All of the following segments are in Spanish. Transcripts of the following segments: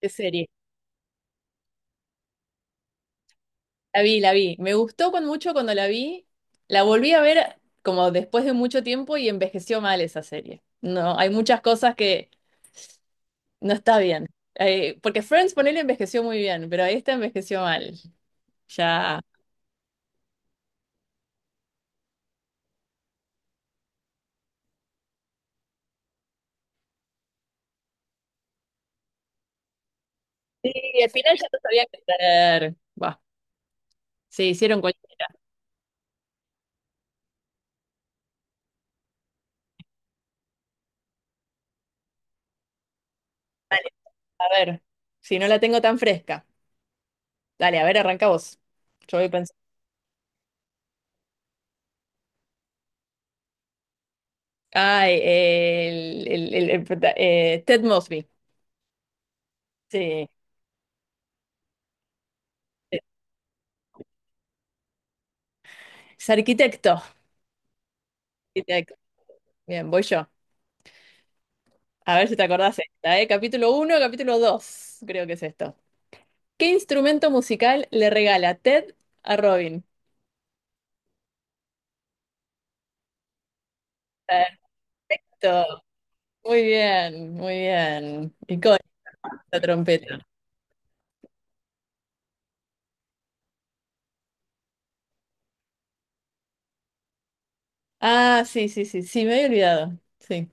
De serie. La vi, la vi. Me gustó con mucho cuando la vi. La volví a ver como después de mucho tiempo y envejeció mal esa serie. No, hay muchas cosas que no está bien. Porque Friends, ponele, envejeció muy bien, pero esta envejeció mal. Ya. Sí, al final ya no sabía qué hacer. Bah, se hicieron cualquier. Dale, a ver, si no la tengo tan fresca. Dale, a ver, arranca vos. Yo voy pensando. Ay, Ted Mosby. Sí. Es arquitecto. Arquitecto. Bien, voy yo. A ver si te acordás esta, ¿eh? Capítulo uno, capítulo 2 creo que es esto. ¿Qué instrumento musical le regala Ted a Robin? Perfecto. Muy bien, muy bien. Icónica la trompeta. Ah, sí, sí, sí, sí, me había olvidado. Sí,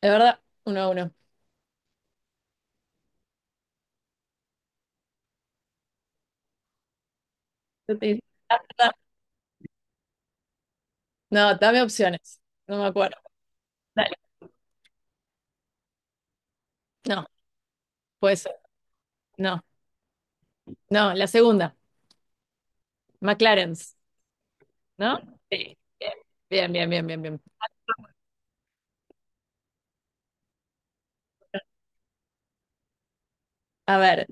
es verdad, uno a uno. Yo te dije, "Ah, verdad". No, dame opciones. No me acuerdo. Dale. No, puede ser. No, no, la segunda. McLaren's, ¿no? Sí. Bien, bien, bien, bien, bien, bien. A ver,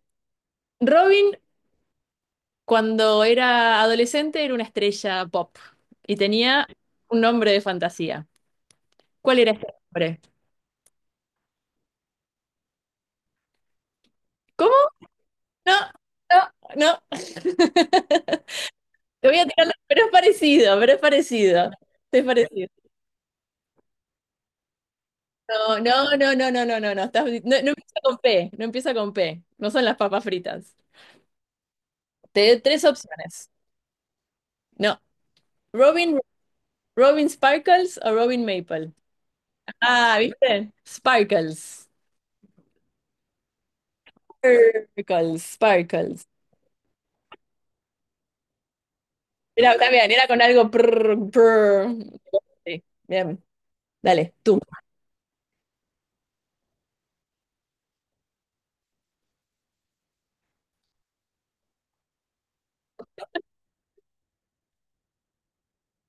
Robin, cuando era adolescente era una estrella pop y tenía un nombre de fantasía. ¿Cuál era este nombre? ¿Cómo? No, no, no. Te voy a pero es parecido, pero es parecido. Es parecido. No, no, no, no, no, no, no, no. No, no empieza con P, no empieza con P. No son las papas fritas. Te doy tres opciones. No. Robin, Robin Sparkles o Robin Maple. Ah, ¿viste? Sparkles. Sparkles, Sparkles. Era, está bien, era con algo. Prr, prr. Sí, bien, dale, tú.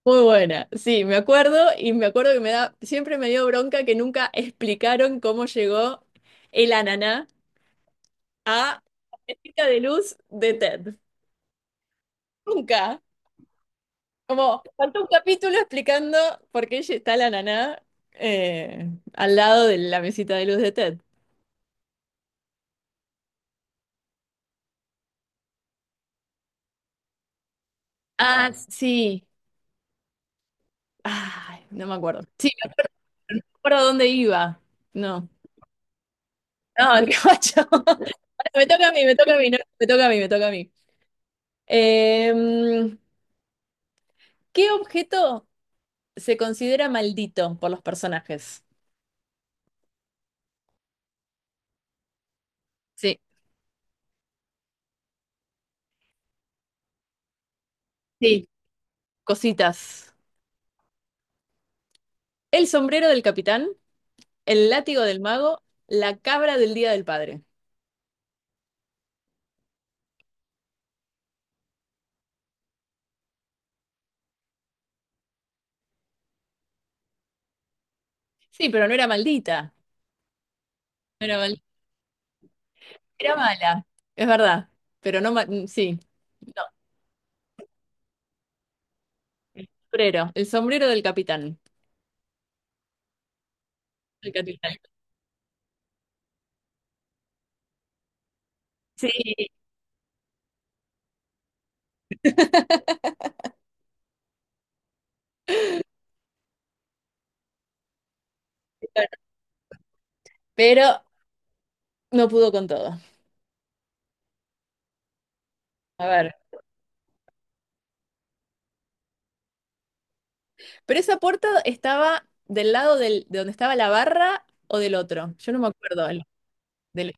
Muy buena. Sí, me acuerdo y me acuerdo que me da, siempre me dio bronca que nunca explicaron cómo llegó el ananá a la estética de luz de Ted. Nunca. Como faltó un capítulo explicando por qué está el ananá al lado de la mesita de luz de Ted. Ah, sí. Ay, no me acuerdo. Sí, me acuerdo dónde iba. No. No, qué macho. Me toca a mí, me toca a mí, no, me toca a mí, me toca a mí. Em, ¿Qué objeto se considera maldito por los personajes? Sí, sí. Cositas. El sombrero del capitán, el látigo del mago, la cabra del Día del Padre. Sí, pero no era maldita. No era maldita, era mala. Es verdad, pero sí. No, sombrero, el sombrero del capitán. El capitán. Sí, pero no pudo con todo. A ver. Pero esa puerta estaba del lado de donde estaba la barra o del otro. Yo no me acuerdo. Del,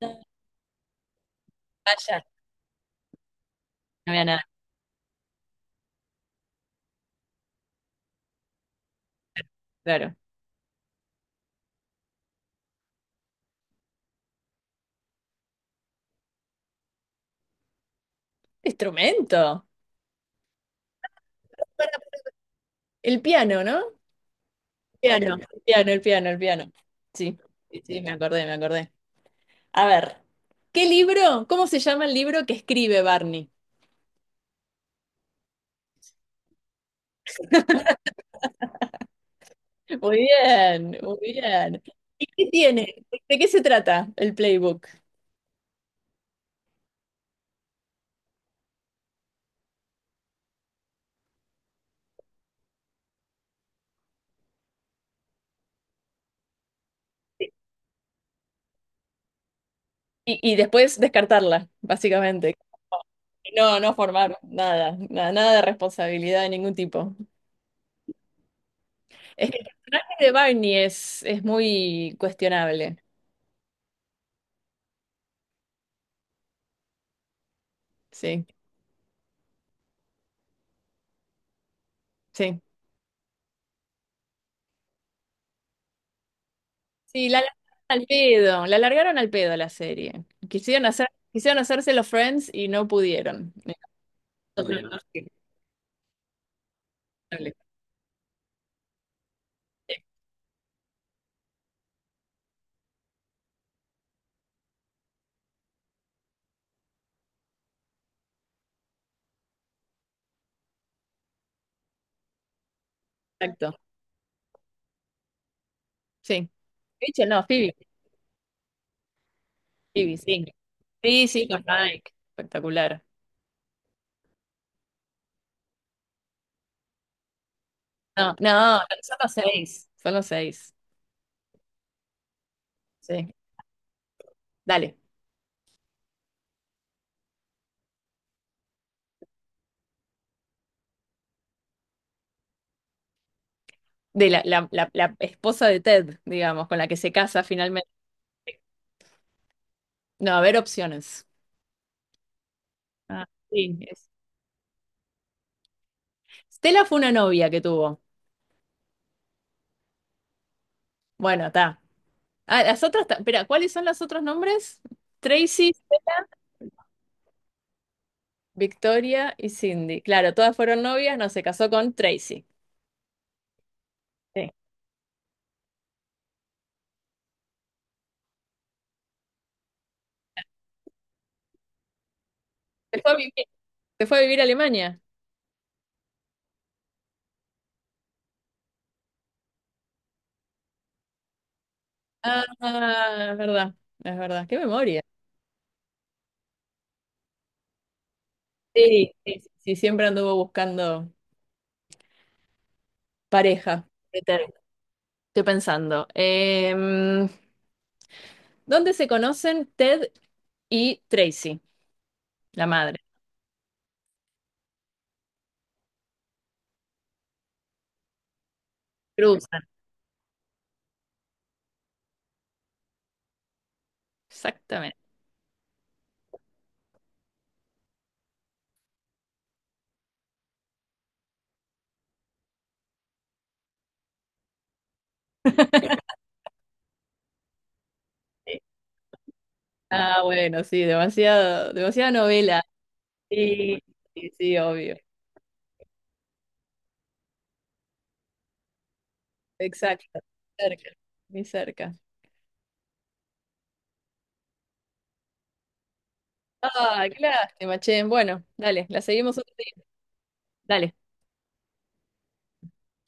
No, vaya, no había nada. Claro. Instrumento. El piano, ¿no? Piano, el piano, el piano, el piano. Sí, sí, sí, me acordé, me acordé. A ver, ¿qué libro? ¿Cómo se llama el libro que escribe Barney? Muy bien, muy bien. ¿Y qué tiene? ¿De qué se trata el playbook? Y después descartarla, básicamente. No, no formar nada, nada, nada de responsabilidad de ningún tipo. Es que el personaje de Barney es muy cuestionable. Sí, sí. Sí, la largaron al pedo, la largaron al pedo la serie. Quisieron hacerse los Friends y no pudieron. Me encantó, pero no sale. Exacto, sí. Rachel, no, Phoebe, Phoebe, sí. Sí, sí, con Mike. Espectacular. No, no, son los seis. Son los seis. Sí. Dale. De la esposa de Ted, digamos, con la que se casa finalmente. No, a ver opciones. Ah, sí. Stella fue una novia que tuvo. Bueno, está. Ah, las otras, espera, ¿cuáles son los otros nombres? Tracy, Stella, Victoria y Cindy. Claro, todas fueron novias, no se casó con Tracy. Sí. Se fue a vivir, se fue a vivir a Alemania. Ah, es verdad, es verdad. Qué memoria. Sí, sí, sí, siempre anduvo buscando pareja. Estoy pensando. ¿Dónde se conocen Ted y Tracy, la madre? Cruzan. Exactamente. Ah, bueno, sí, demasiado, demasiada novela. Sí, sí, sí, obvio. Exacto. Cerca, muy cerca. Ah, qué lástima, che. Bueno, dale, la seguimos otro día. Dale.